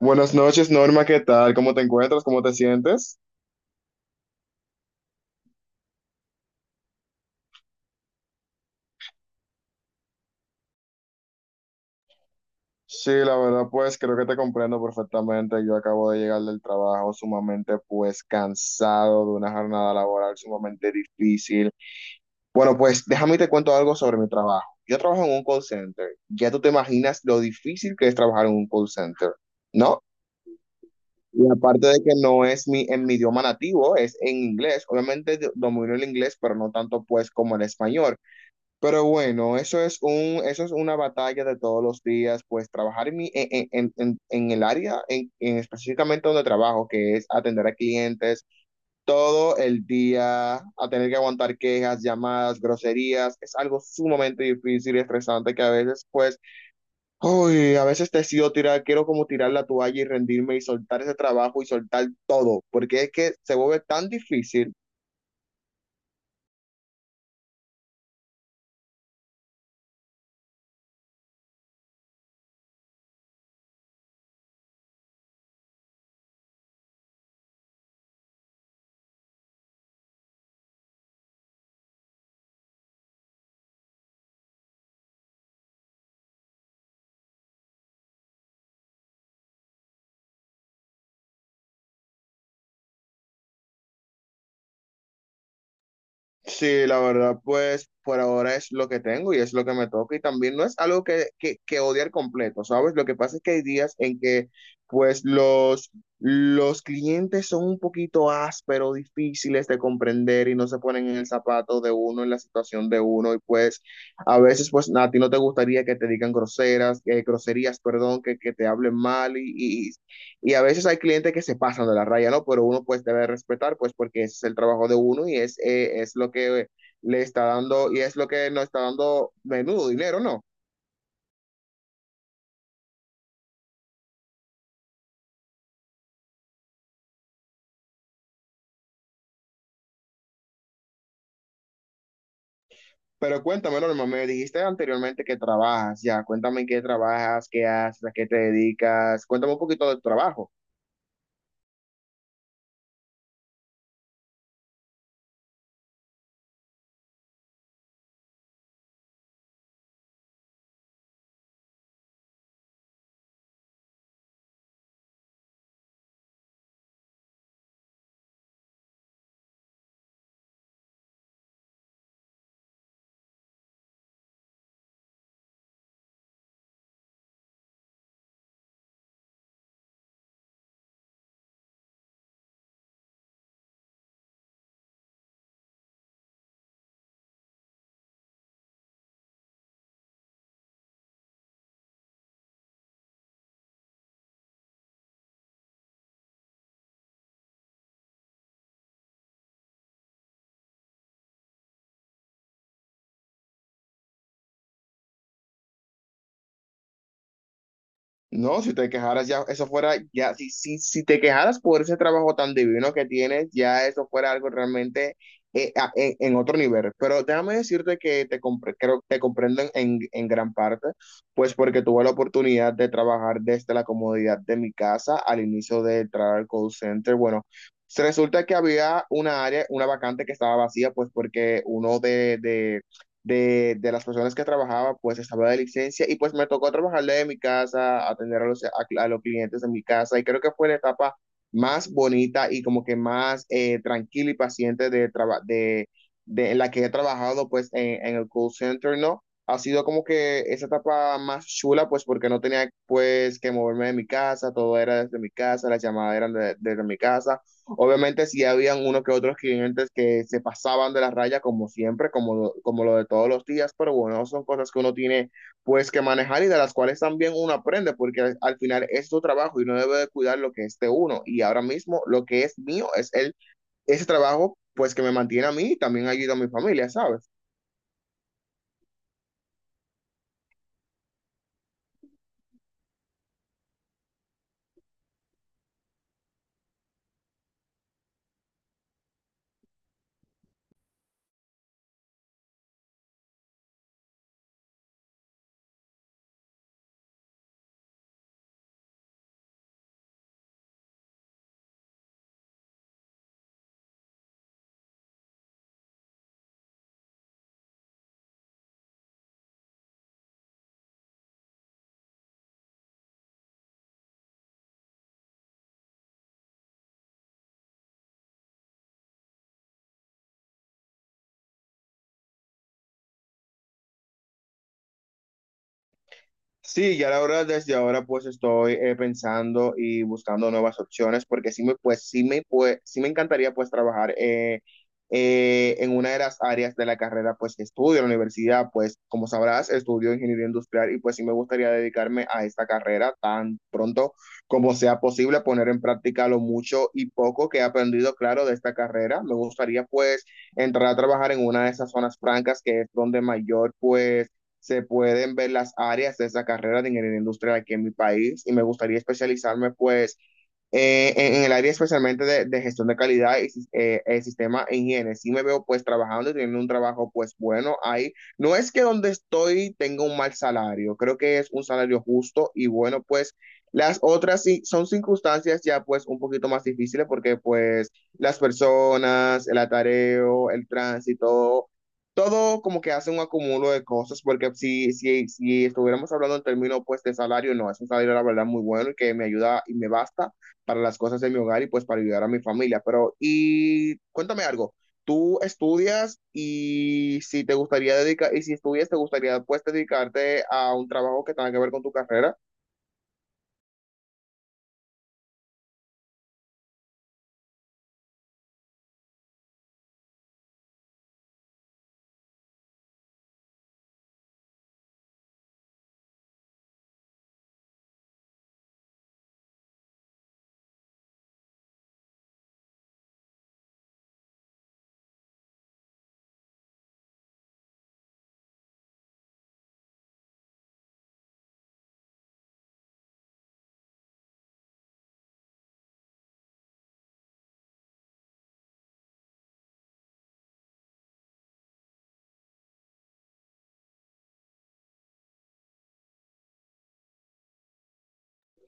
Buenas noches, Norma, ¿qué tal? ¿Cómo te encuentras? ¿Cómo te sientes? Sí, la verdad, pues creo que te comprendo perfectamente. Yo acabo de llegar del trabajo sumamente, pues, cansado de una jornada laboral sumamente difícil. Bueno, pues déjame te cuento algo sobre mi trabajo. Yo trabajo en un call center. Ya tú te imaginas lo difícil que es trabajar en un call center, ¿no? Y aparte de que no es mi, en mi idioma nativo, es en inglés. Obviamente domino el inglés, pero no tanto, pues, como el español. Pero bueno, eso es un, eso es una batalla de todos los días, pues trabajar en el área, en específicamente donde trabajo, que es atender a clientes todo el día, a tener que aguantar quejas, llamadas, groserías, es algo sumamente difícil y estresante que a veces, pues, uy, a veces decido tirar, quiero como tirar la toalla y rendirme y soltar ese trabajo y soltar todo, porque es que se vuelve tan difícil. Sí, la verdad, pues por ahora es lo que tengo y es lo que me toca y también no es algo que odiar completo, ¿sabes? Lo que pasa es que hay días en que pues los clientes son un poquito ásperos, difíciles de comprender y no se ponen en el zapato de uno, en la situación de uno y pues a veces pues a ti no te gustaría que te digan groseras, groserías, perdón, que te hablen mal y a veces hay clientes que se pasan de la raya, ¿no? Pero uno pues debe respetar, pues porque ese es el trabajo de uno y es lo que le está dando y es lo que nos está dando menudo dinero, ¿no? Pero cuéntame, Norma, me dijiste anteriormente que trabajas, ya, cuéntame en qué trabajas, qué haces, a qué te dedicas, cuéntame un poquito del trabajo. No, si te quejaras ya, eso fuera, ya, si te quejaras por ese trabajo tan divino que tienes, ya eso fuera algo realmente en otro nivel. Pero déjame decirte que te, creo, te comprendo en gran parte, pues porque tuve la oportunidad de trabajar desde la comodidad de mi casa al inicio de entrar al call center. Bueno, se resulta que había una área, una vacante que estaba vacía, pues porque uno de las personas que trabajaba, pues estaba de licencia y pues me tocó trabajar de mi casa, atender a a los clientes en mi casa y creo que fue la etapa más bonita y como que más tranquila y paciente de en la que he trabajado pues en el call center, ¿no? Ha sido como que esa etapa más chula pues porque no tenía pues que moverme de mi casa, todo era desde mi casa, las llamadas eran desde mi casa. Obviamente sí habían uno que otros clientes que se pasaban de la raya como siempre, como, como lo de todos los días, pero bueno, son cosas que uno tiene pues que manejar y de las cuales también uno aprende, porque al final es su trabajo y uno debe de cuidar lo que es de uno. Y ahora mismo lo que es mío es ese trabajo pues que me mantiene a mí y también ayuda a mi familia, ¿sabes? Sí, ya la verdad desde ahora pues estoy pensando y buscando nuevas opciones porque sí me encantaría pues trabajar en una de las áreas de la carrera pues que estudio en la universidad, pues como sabrás estudio ingeniería industrial y pues sí me gustaría dedicarme a esta carrera tan pronto como sea posible, poner en práctica lo mucho y poco que he aprendido, claro, de esta carrera me gustaría pues entrar a trabajar en una de esas zonas francas, que es donde mayor pues se pueden ver las áreas de esa carrera de ingeniería industrial aquí en mi país, y me gustaría especializarme pues en el área, especialmente de gestión de calidad y sistema e higiene. Sí me veo pues trabajando y teniendo un trabajo pues bueno ahí. No es que donde estoy tenga un mal salario, creo que es un salario justo y bueno, pues las otras sí son circunstancias ya pues un poquito más difíciles, porque pues las personas, el atareo, el tránsito. Todo como que hace un acumulo de cosas, porque si estuviéramos hablando en términos pues de salario, no, es un salario la verdad muy bueno y que me ayuda y me basta para las cosas de mi hogar y pues para ayudar a mi familia. Pero, y cuéntame algo, tú estudias y si te gustaría dedicar, y si estudias, te gustaría pues dedicarte a un trabajo que tenga que ver con tu carrera.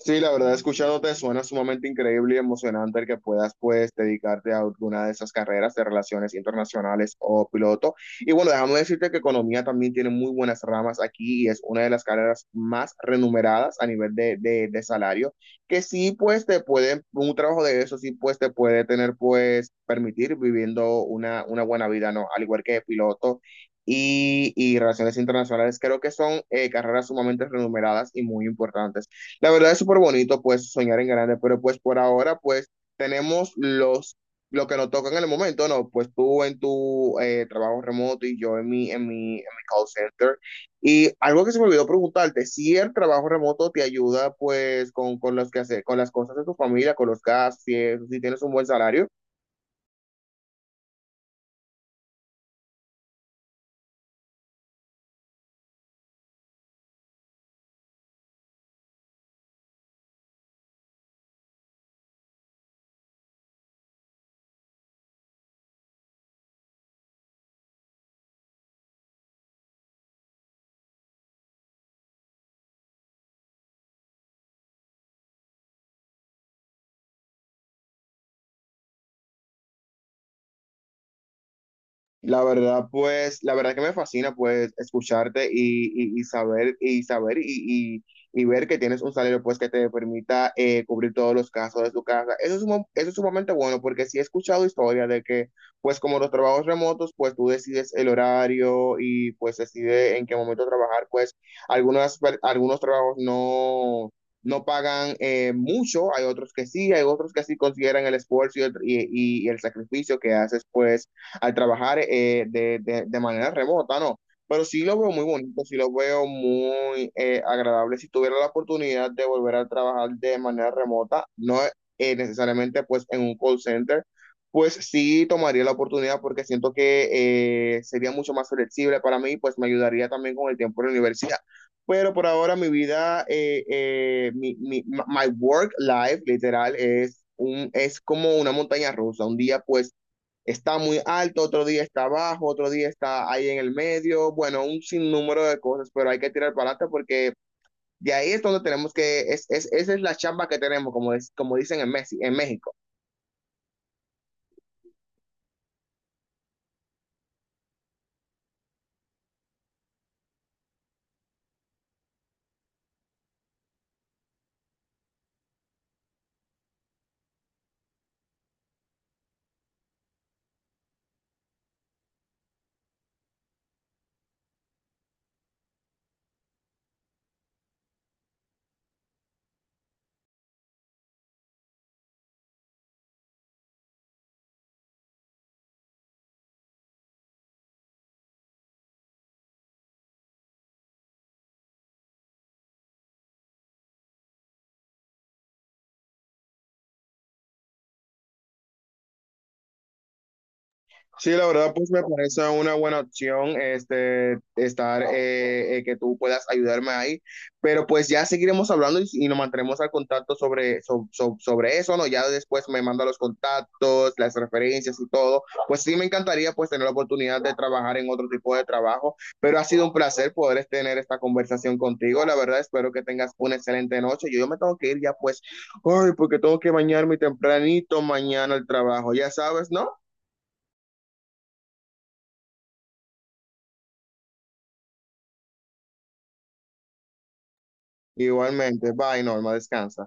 Sí, la verdad, escuchándote suena sumamente increíble y emocionante el que puedas, pues, dedicarte a alguna de esas carreras de relaciones internacionales o piloto. Y bueno, déjame decirte que economía también tiene muy buenas ramas aquí y es una de las carreras más remuneradas a nivel de salario, que sí, pues, te puede, un trabajo de eso sí, pues, te puede tener, pues, permitir viviendo una buena vida, ¿no? Al igual que piloto y relaciones internacionales, creo que son carreras sumamente remuneradas y muy importantes. La verdad es súper bonito, pues, soñar en grande, pero pues por ahora, pues, tenemos lo que nos toca en el momento, ¿no? Pues tú en tu trabajo remoto y yo en mi call center. Y algo que se me olvidó preguntarte, si el trabajo remoto te ayuda, pues, con los que hacer, con las cosas de tu familia, con los gastos, si, si tienes un buen salario. La verdad, pues, la verdad que me fascina, pues, escucharte y, y saber, y ver que tienes un salario, pues, que te permita cubrir todos los casos de tu casa. Eso es, eso es sumamente bueno, porque sí he escuchado historias de que, pues, como los trabajos remotos, pues, tú decides el horario y, pues, decides en qué momento trabajar, pues, algunas, algunos trabajos no... No pagan mucho, hay otros que sí, hay otros que sí consideran el esfuerzo y el sacrificio que haces, pues, al trabajar de manera remota, ¿no? Pero sí lo veo muy bonito, sí lo veo muy agradable. Si tuviera la oportunidad de volver a trabajar de manera remota, no necesariamente pues en un call center, pues sí tomaría la oportunidad porque siento que sería mucho más flexible para mí, pues me ayudaría también con el tiempo de la universidad. Pero por ahora mi vida, my work life literal es, un, es como una montaña rusa. Un día pues está muy alto, otro día está bajo, otro día está ahí en el medio, bueno, un sinnúmero de cosas, pero hay que tirar para adelante porque de ahí es donde tenemos que, es, esa es la chamba que tenemos, como, es, como dicen en, Messi, en México. Sí, la verdad, pues me parece una buena opción este, estar, que tú puedas ayudarme ahí, pero pues ya seguiremos hablando y nos mantendremos al contacto sobre, sobre eso, ¿no? Ya después me manda los contactos, las referencias y todo. Pues sí, me encantaría pues tener la oportunidad de trabajar en otro tipo de trabajo, pero ha sido un placer poder este, tener esta conversación contigo. La verdad, espero que tengas una excelente noche. Yo me tengo que ir ya pues, ay, porque tengo que bañarme tempranito mañana al trabajo, ya sabes, ¿no? Igualmente, bye, Norma, descansa.